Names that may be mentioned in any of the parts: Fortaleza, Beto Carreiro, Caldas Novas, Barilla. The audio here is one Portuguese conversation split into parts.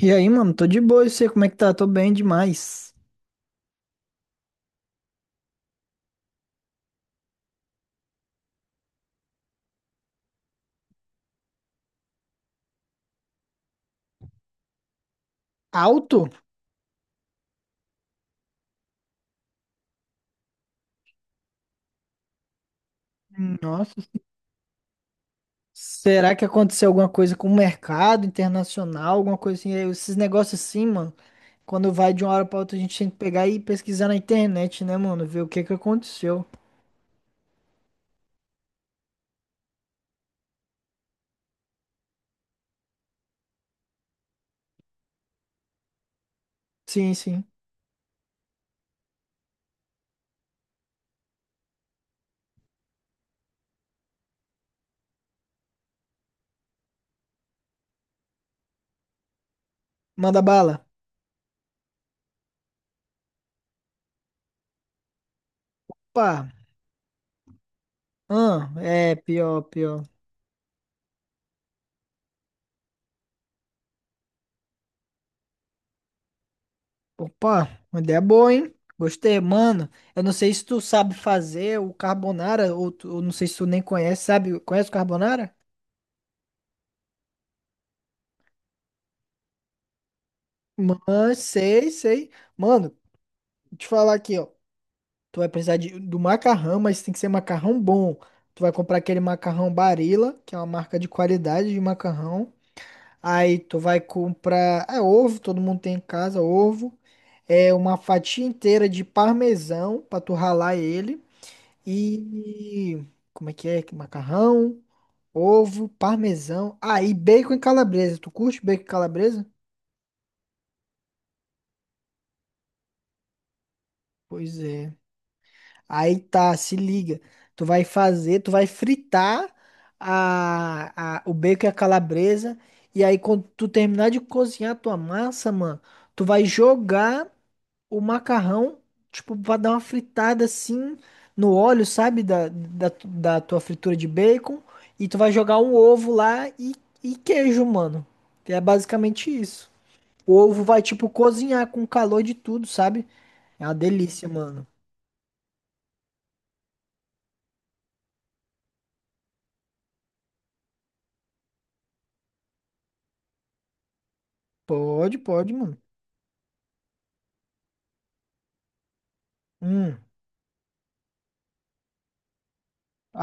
E aí, mano, tô de boa, e você, como é que tá? Tô bem demais. Alto? Hum. Nossa. Será que aconteceu alguma coisa com o mercado internacional, alguma coisa assim? É, esses negócios assim, mano, quando vai de uma hora pra outra, a gente tem que pegar e pesquisar na internet, né, mano? Ver o que que aconteceu. Sim, sim. Manda bala. Pá. Ah, é, pior, pior. Opa, uma ideia boa, hein? Gostei, mano. Eu não sei se tu sabe fazer o carbonara, ou não sei se tu nem conhece, sabe? Conhece o carbonara? Mas sei, sei. Mano, te falar aqui, ó. Tu vai precisar do macarrão, mas tem que ser macarrão bom. Tu vai comprar aquele macarrão Barilla, que é uma marca de qualidade de macarrão. Aí tu vai comprar, é ovo, todo mundo tem em casa, ovo. É uma fatia inteira de parmesão pra tu ralar ele. E como é que é? Macarrão, ovo, parmesão. Aí bacon e calabresa. Tu curte bacon e calabresa? Pois é. Aí tá, se liga. Tu vai fazer, tu vai fritar o bacon e a calabresa. E aí, quando tu terminar de cozinhar a tua massa, mano, tu vai jogar o macarrão, tipo, pra dar uma fritada assim no óleo, sabe? Da tua fritura de bacon. E tu vai jogar um ovo lá e queijo, mano. Que é basicamente isso. O ovo vai, tipo, cozinhar com o calor de tudo, sabe? É uma delícia, mano. Pode, pode, mano. Hum.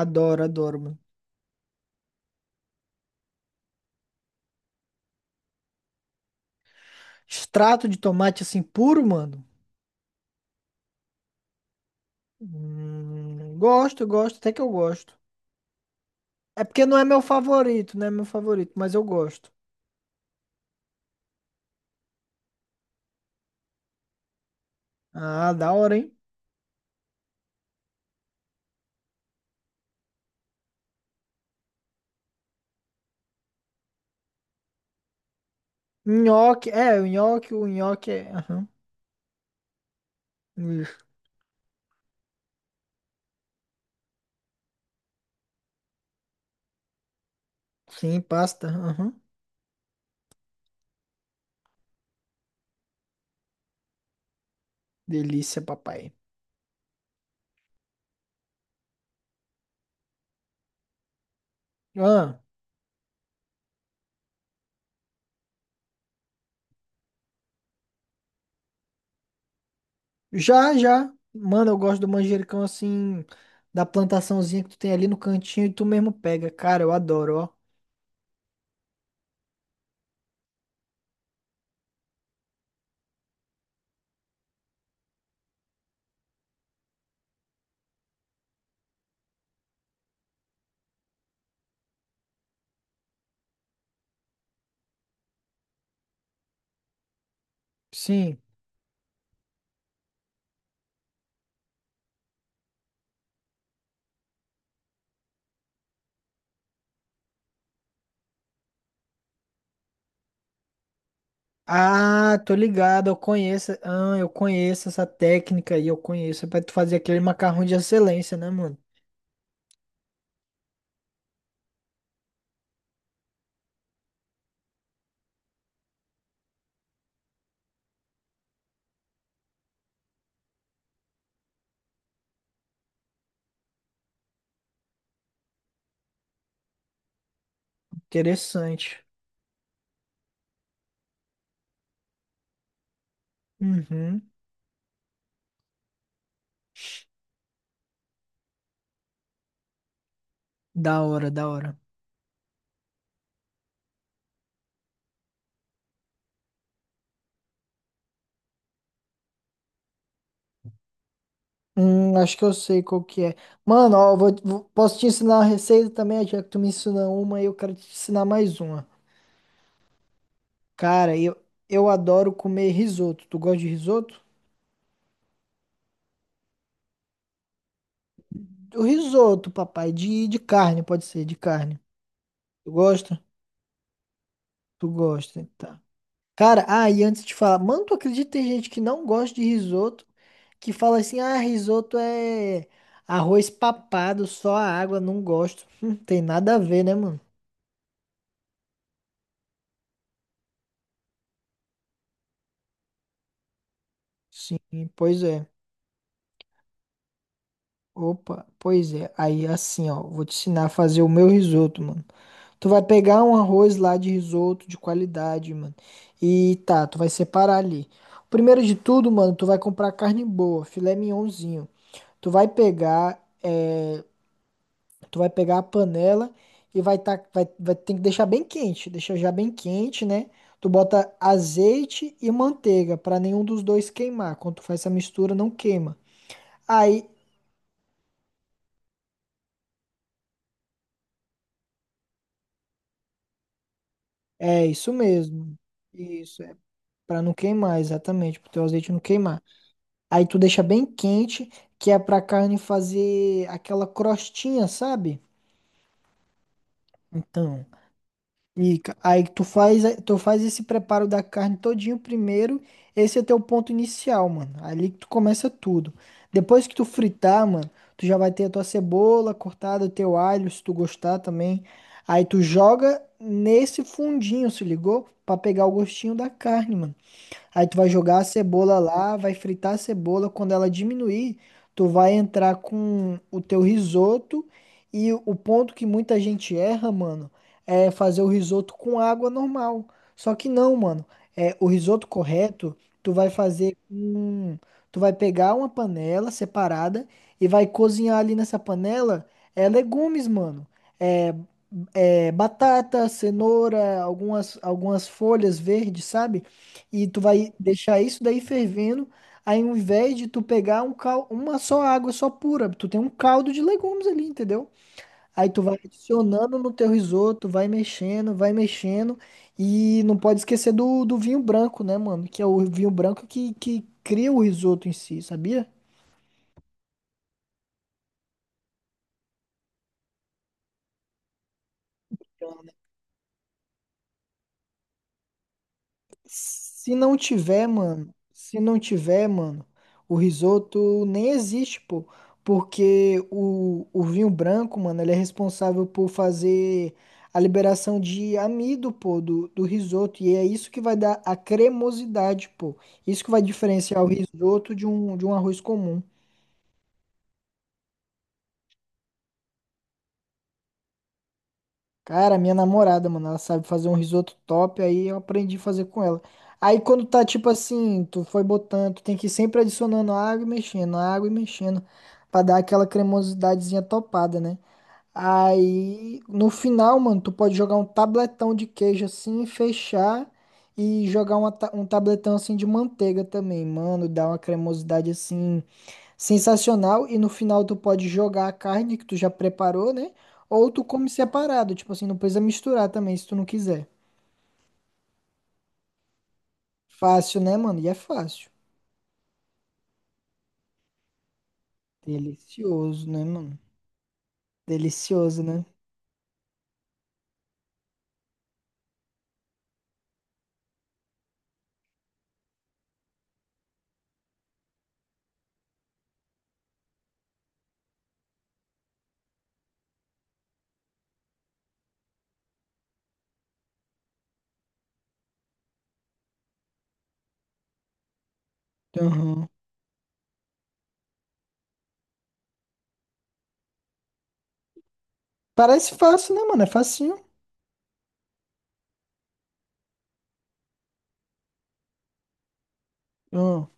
Adoro, adoro, mano. Extrato de tomate assim puro, mano. Gosto, gosto, até que eu gosto. É porque não é meu favorito, não é meu favorito, mas eu gosto. Ah, da hora, hein? Nhoque, é, o nhoque é. Aham. Ixi. Sim, pasta. Aham. Delícia, papai. Ah, já, já. Mano, eu gosto do manjericão assim, da plantaçãozinha que tu tem ali no cantinho e tu mesmo pega. Cara, eu adoro, ó. Sim. Ah, tô ligado, eu conheço, ah, eu conheço essa técnica aí, eu conheço, é pra tu fazer aquele macarrão de excelência, né, mano? Interessante. Uhum, da hora, da hora. Acho que eu sei qual que é. Mano, ó, posso te ensinar a receita também, já que tu me ensinou uma e eu quero te ensinar mais uma. Cara, eu adoro comer risoto, tu gosta de risoto? O risoto, papai, de carne, pode ser, de carne. Tu gosta? Tu gosta, então. Cara, ah, e antes de falar, mano, tu acredita que tem gente que não gosta de risoto, que fala assim, ah, risoto é arroz papado, só a água, não gosto. Tem nada a ver, né, mano? Sim, pois é. Opa, pois é. Aí assim, ó, vou te ensinar a fazer o meu risoto, mano. Tu vai pegar um arroz lá de risoto de qualidade, mano. E tá, tu vai separar ali. Primeiro de tudo, mano, tu vai comprar carne boa, filé mignonzinho. Tu vai pegar. é, Tu vai pegar a panela e vai ter que deixar bem quente, deixa já bem quente, né? Tu bota azeite e manteiga pra nenhum dos dois queimar. Quando tu faz essa mistura, não queima. Aí, é isso mesmo. Isso é para não queimar, exatamente, pro teu azeite não queimar. Aí tu deixa bem quente, que é pra carne fazer aquela crostinha, sabe? Então, e aí tu faz esse preparo da carne todinho primeiro, esse é teu ponto inicial, mano. Ali que tu começa tudo. Depois que tu fritar, mano, tu já vai ter a tua cebola cortada, o teu alho, se tu gostar também. Aí tu joga nesse fundinho, se ligou? Pra pegar o gostinho da carne, mano. Aí tu vai jogar a cebola lá, vai fritar a cebola. Quando ela diminuir, tu vai entrar com o teu risoto. E o ponto que muita gente erra, mano, é fazer o risoto com água normal. Só que não, mano. É, o risoto correto, tu vai fazer com. Tu vai pegar uma panela separada e vai cozinhar ali nessa panela, legumes, mano. É, Batata, cenoura, algumas folhas verdes, sabe? E tu vai deixar isso daí fervendo. Aí, ao invés de tu pegar um cal uma só água só pura, tu tem um caldo de legumes ali, entendeu? Aí tu vai adicionando no teu risoto, vai mexendo, vai mexendo. E não pode esquecer do vinho branco, né, mano? Que é o vinho branco que cria o risoto em si, sabia? Se não tiver, mano, se não tiver, mano, o risoto nem existe, pô. Porque o vinho branco, mano, ele é responsável por fazer a liberação de amido, pô, do risoto. E é isso que vai dar a cremosidade, pô. Isso que vai diferenciar o risoto de um, arroz comum. Cara, minha namorada, mano, ela sabe fazer um risoto top, aí eu aprendi a fazer com ela. Aí quando tá tipo assim, tu foi botando, tu tem que ir sempre adicionando água e mexendo, pra dar aquela cremosidadezinha topada, né? Aí no final, mano, tu pode jogar um tabletão de queijo assim, fechar e jogar um tabletão assim de manteiga também, mano, dá uma cremosidade assim sensacional, e no final tu pode jogar a carne que tu já preparou, né? Ou tu come separado, tipo assim, não precisa misturar também se tu não quiser. Fácil, né, mano? E é fácil. Delicioso, né, mano? Delicioso, né? Aham. Parece fácil, né, mano? É facinho. Aham.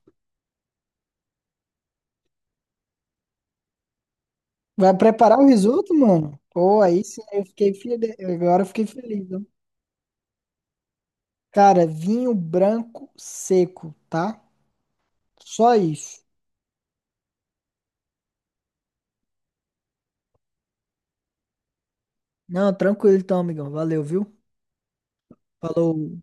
Vai preparar o risoto, mano? Pô, aí sim, eu fiquei feliz. Agora eu fiquei feliz, ó. Cara, vinho branco seco, tá? Só isso. Não, tranquilo então, amigão. Valeu, viu? Falou.